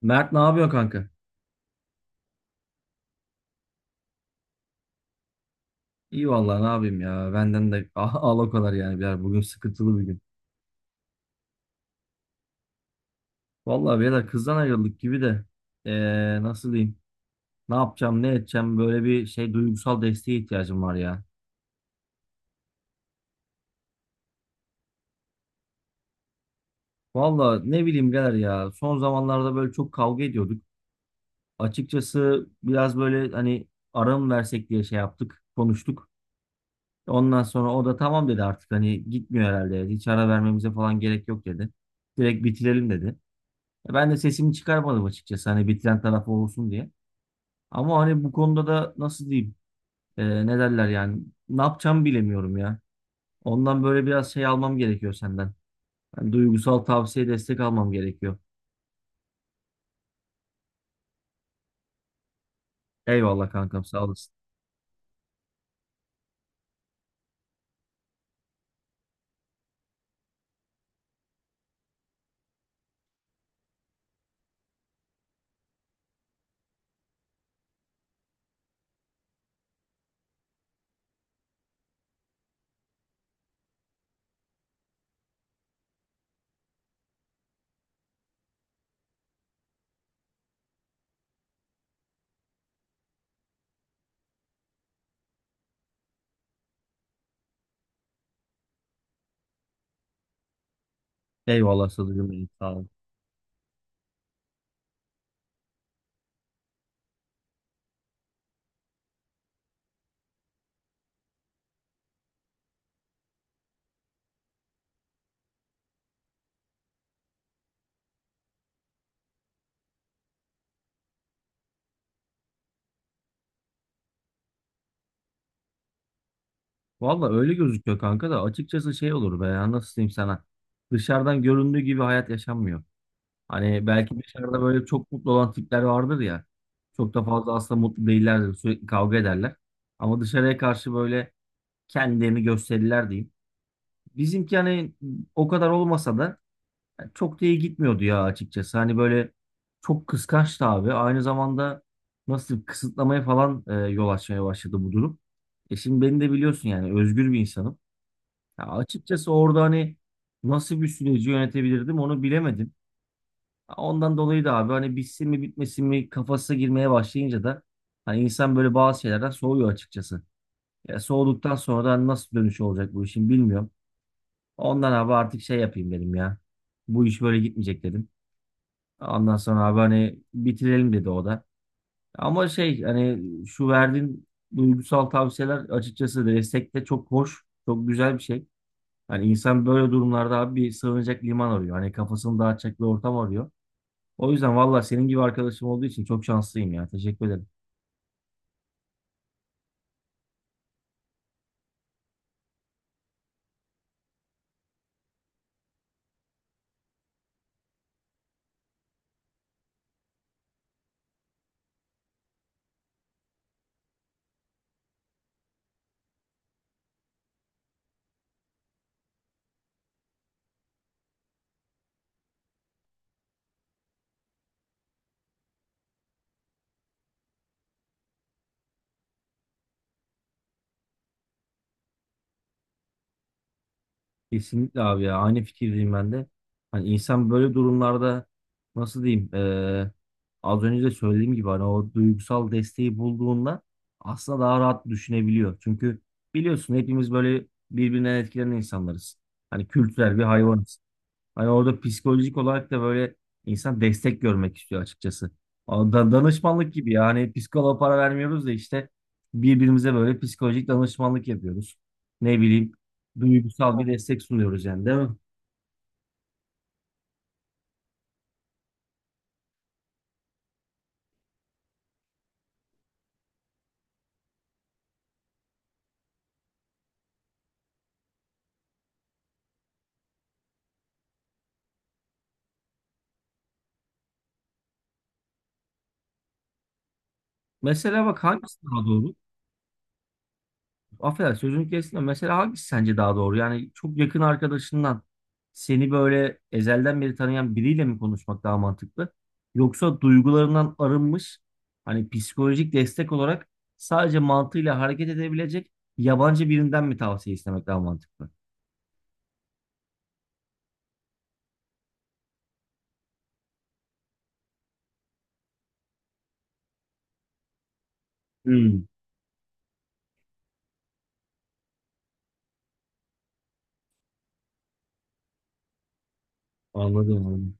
Mert ne yapıyor kanka? İyi vallahi ne yapayım ya. Benden de al o kadar yani birader. Bugün sıkıntılı bir gün. Vallahi birader kızdan ayrıldık gibi de. Nasıl diyeyim? Ne yapacağım ne edeceğim böyle bir şey duygusal desteğe ihtiyacım var ya. Vallahi ne bileyim birader ya. Son zamanlarda böyle çok kavga ediyorduk. Açıkçası biraz böyle hani ara mı versek diye şey yaptık. Konuştuk. Ondan sonra o da tamam dedi artık hani gitmiyor herhalde, dedi. Hiç ara vermemize falan gerek yok dedi. Direkt bitirelim dedi. Ben de sesimi çıkarmadım açıkçası hani bitiren taraf olsun diye. Ama hani bu konuda da nasıl diyeyim ne derler yani ne yapacağımı bilemiyorum ya. Ondan böyle biraz şey almam gerekiyor senden. Hani duygusal tavsiye destek almam gerekiyor. Eyvallah kankam sağ olasın. Eyvallah sadıcım benim sağ ol. Valla öyle gözüküyor kanka da açıkçası şey olur be ya nasıl diyeyim sana. Dışarıdan göründüğü gibi hayat yaşanmıyor. Hani belki dışarıda böyle çok mutlu olan tipler vardır ya. Çok da fazla aslında mutlu değillerdir. Sürekli kavga ederler. Ama dışarıya karşı böyle kendilerini gösterirler diyeyim. Bizimki hani o kadar olmasa da çok da iyi gitmiyordu ya açıkçası. Hani böyle çok kıskançtı abi. Aynı zamanda nasıl kısıtlamaya falan yol açmaya başladı bu durum. E, şimdi beni de biliyorsun yani özgür bir insanım. Ya açıkçası orada hani nasıl bir süreci yönetebilirdim onu bilemedim. Ondan dolayı da abi hani bitsin mi bitmesin mi kafasına girmeye başlayınca da hani insan böyle bazı şeylerden soğuyor açıkçası. Ya soğuduktan sonra da nasıl dönüşü olacak bu işin bilmiyorum. Ondan abi artık şey yapayım dedim ya. Bu iş böyle gitmeyecek dedim. Ondan sonra abi hani bitirelim dedi o da. Ama şey hani şu verdiğin duygusal tavsiyeler açıkçası destek de çok hoş, çok güzel bir şey. Hani insan böyle durumlarda abi bir sığınacak liman arıyor. Hani kafasını dağıtacak bir ortam arıyor. O yüzden valla senin gibi arkadaşım olduğu için çok şanslıyım ya. Teşekkür ederim. Kesinlikle abi ya. Aynı fikirdeyim ben de. Hani insan böyle durumlarda nasıl diyeyim az önce de söylediğim gibi hani o duygusal desteği bulduğunda aslında daha rahat düşünebiliyor. Çünkü biliyorsun hepimiz böyle birbirinden etkilenen insanlarız. Hani kültürel bir hayvanız. Hani orada psikolojik olarak da böyle insan destek görmek istiyor açıkçası. Danışmanlık gibi yani psikoloğa para vermiyoruz da işte birbirimize böyle psikolojik danışmanlık yapıyoruz. Ne bileyim duygusal bir destek sunuyoruz yani değil mi? Mesela bak hangisi daha doğru? Affedersin sözünü kestim de. Mesela hangisi sence daha doğru? Yani çok yakın arkadaşından seni böyle ezelden beri tanıyan biriyle mi konuşmak daha mantıklı? Yoksa duygularından arınmış hani psikolojik destek olarak sadece mantığıyla hareket edebilecek yabancı birinden mi tavsiye istemek daha mantıklı? Hmm, anladım. Anladım.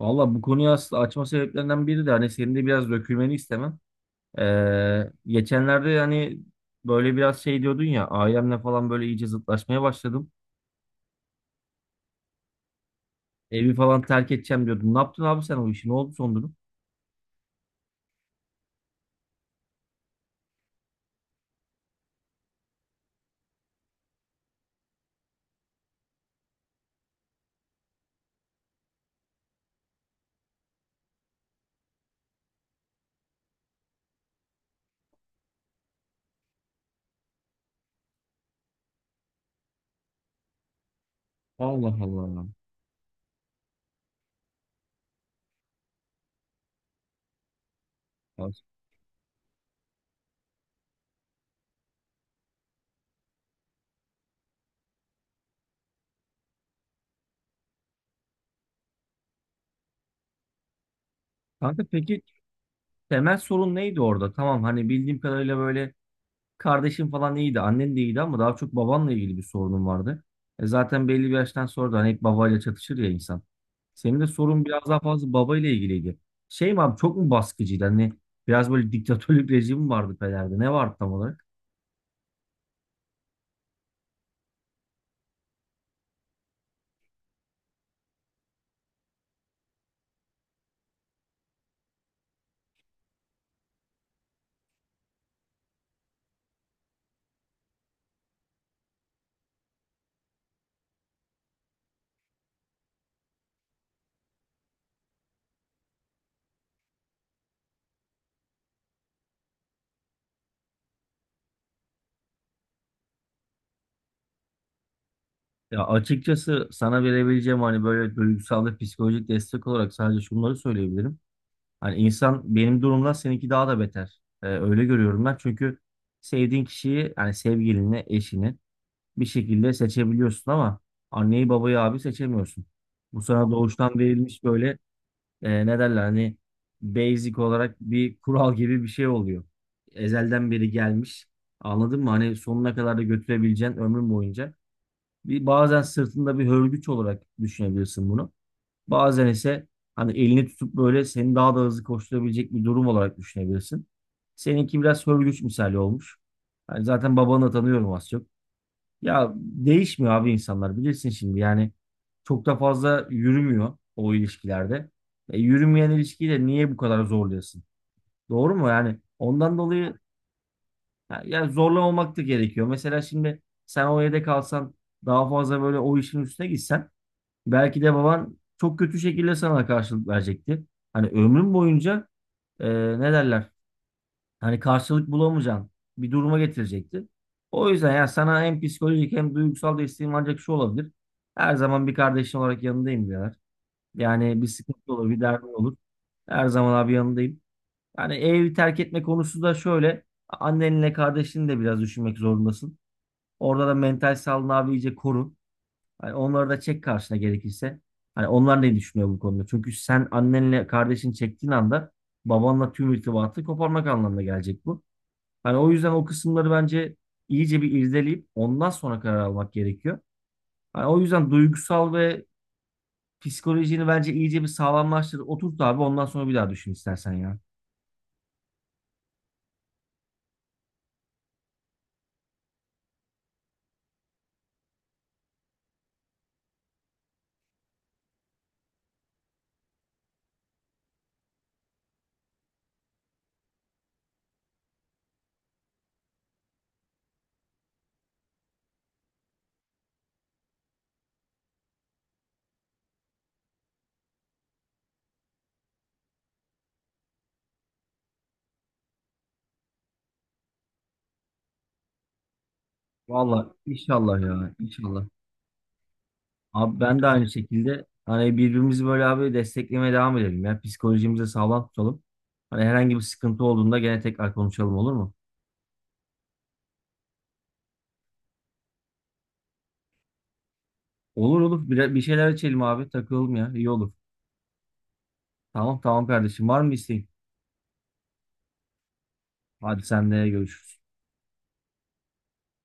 Valla bu konuyu aslında açma sebeplerinden biri de hani senin de biraz dökülmeni istemem. Geçenlerde hani böyle biraz şey diyordun ya ailemle falan böyle iyice zıtlaşmaya başladım. Evi falan terk edeceğim diyordun. Ne yaptın abi sen o işi? Ne oldu son durum? Allah Allah. Ya, kanka peki temel sorun neydi orada? Tamam hani bildiğim kadarıyla böyle kardeşin falan iyiydi. Annen de iyiydi ama daha çok babanla ilgili bir sorunun vardı. E, zaten belli bir yaştan sonra da hani hep babayla çatışır ya insan. Senin de sorun biraz daha fazla babayla ilgiliydi. Şey mi abi çok mu baskıcıydı? Hani biraz böyle diktatörlük rejimi vardı Peder'de. Ne vardı tam olarak? Ya açıkçası sana verebileceğim hani böyle duygusal ve psikolojik destek olarak sadece şunları söyleyebilirim. Hani insan benim durumda seninki daha da beter. Öyle görüyorum ben. Çünkü sevdiğin kişiyi yani sevgilini, eşini bir şekilde seçebiliyorsun ama anneyi babayı abi seçemiyorsun. Bu sana doğuştan verilmiş böyle ne derler hani basic olarak bir kural gibi bir şey oluyor. Ezelden beri gelmiş. Anladın mı? Hani sonuna kadar da götürebileceğin ömrün boyunca. Bir, bazen sırtında bir hörgüç olarak düşünebilirsin bunu. Bazen ise hani elini tutup böyle seni daha da hızlı koşturabilecek bir durum olarak düşünebilirsin. Seninki biraz hörgüç misali olmuş. Yani zaten babanı da tanıyorum az çok. Ya değişmiyor abi insanlar bilirsin şimdi yani çok da fazla yürümüyor o ilişkilerde. E, yürümeyen ilişkiyi de niye bu kadar zorluyorsun? Doğru mu yani? Ondan dolayı ya, ya zorlamamak da gerekiyor. Mesela şimdi sen o evde kalsan daha fazla böyle o işin üstüne gitsen belki de baban çok kötü şekilde sana karşılık verecekti. Hani ömrün boyunca e, ne derler? Hani karşılık bulamayacağın bir duruma getirecekti. O yüzden ya sana hem psikolojik hem duygusal desteğim ancak şu olabilir. Her zaman bir kardeşin olarak yanındayım diyorlar. Yani bir sıkıntı olur, bir derdin olur. Her zaman abi yanındayım. Yani evi terk etme konusu da şöyle. Annenle kardeşini de biraz düşünmek zorundasın. Orada da mental sağlığını abi iyice koru. Hani onları da çek karşına gerekirse. Hani onlar ne düşünüyor bu konuda? Çünkü sen annenle kardeşin çektiğin anda babanla tüm irtibatı koparmak anlamına gelecek bu. Hani o yüzden o kısımları bence iyice bir irdeleyip ondan sonra karar almak gerekiyor. Hani o yüzden duygusal ve psikolojini bence iyice bir sağlamlaştır. Oturt abi ondan sonra bir daha düşün istersen ya. Vallahi inşallah ya. İnşallah. Abi ben de aynı şekilde hani birbirimizi böyle abi desteklemeye devam edelim ya. Psikolojimizi sağlam tutalım. Hani herhangi bir sıkıntı olduğunda gene tekrar konuşalım olur mu? Olur, olur. Bir şeyler içelim abi. Takılalım ya. İyi olur. Tamam, tamam, kardeşim. Var mı isteğin? Hadi senle görüşürüz.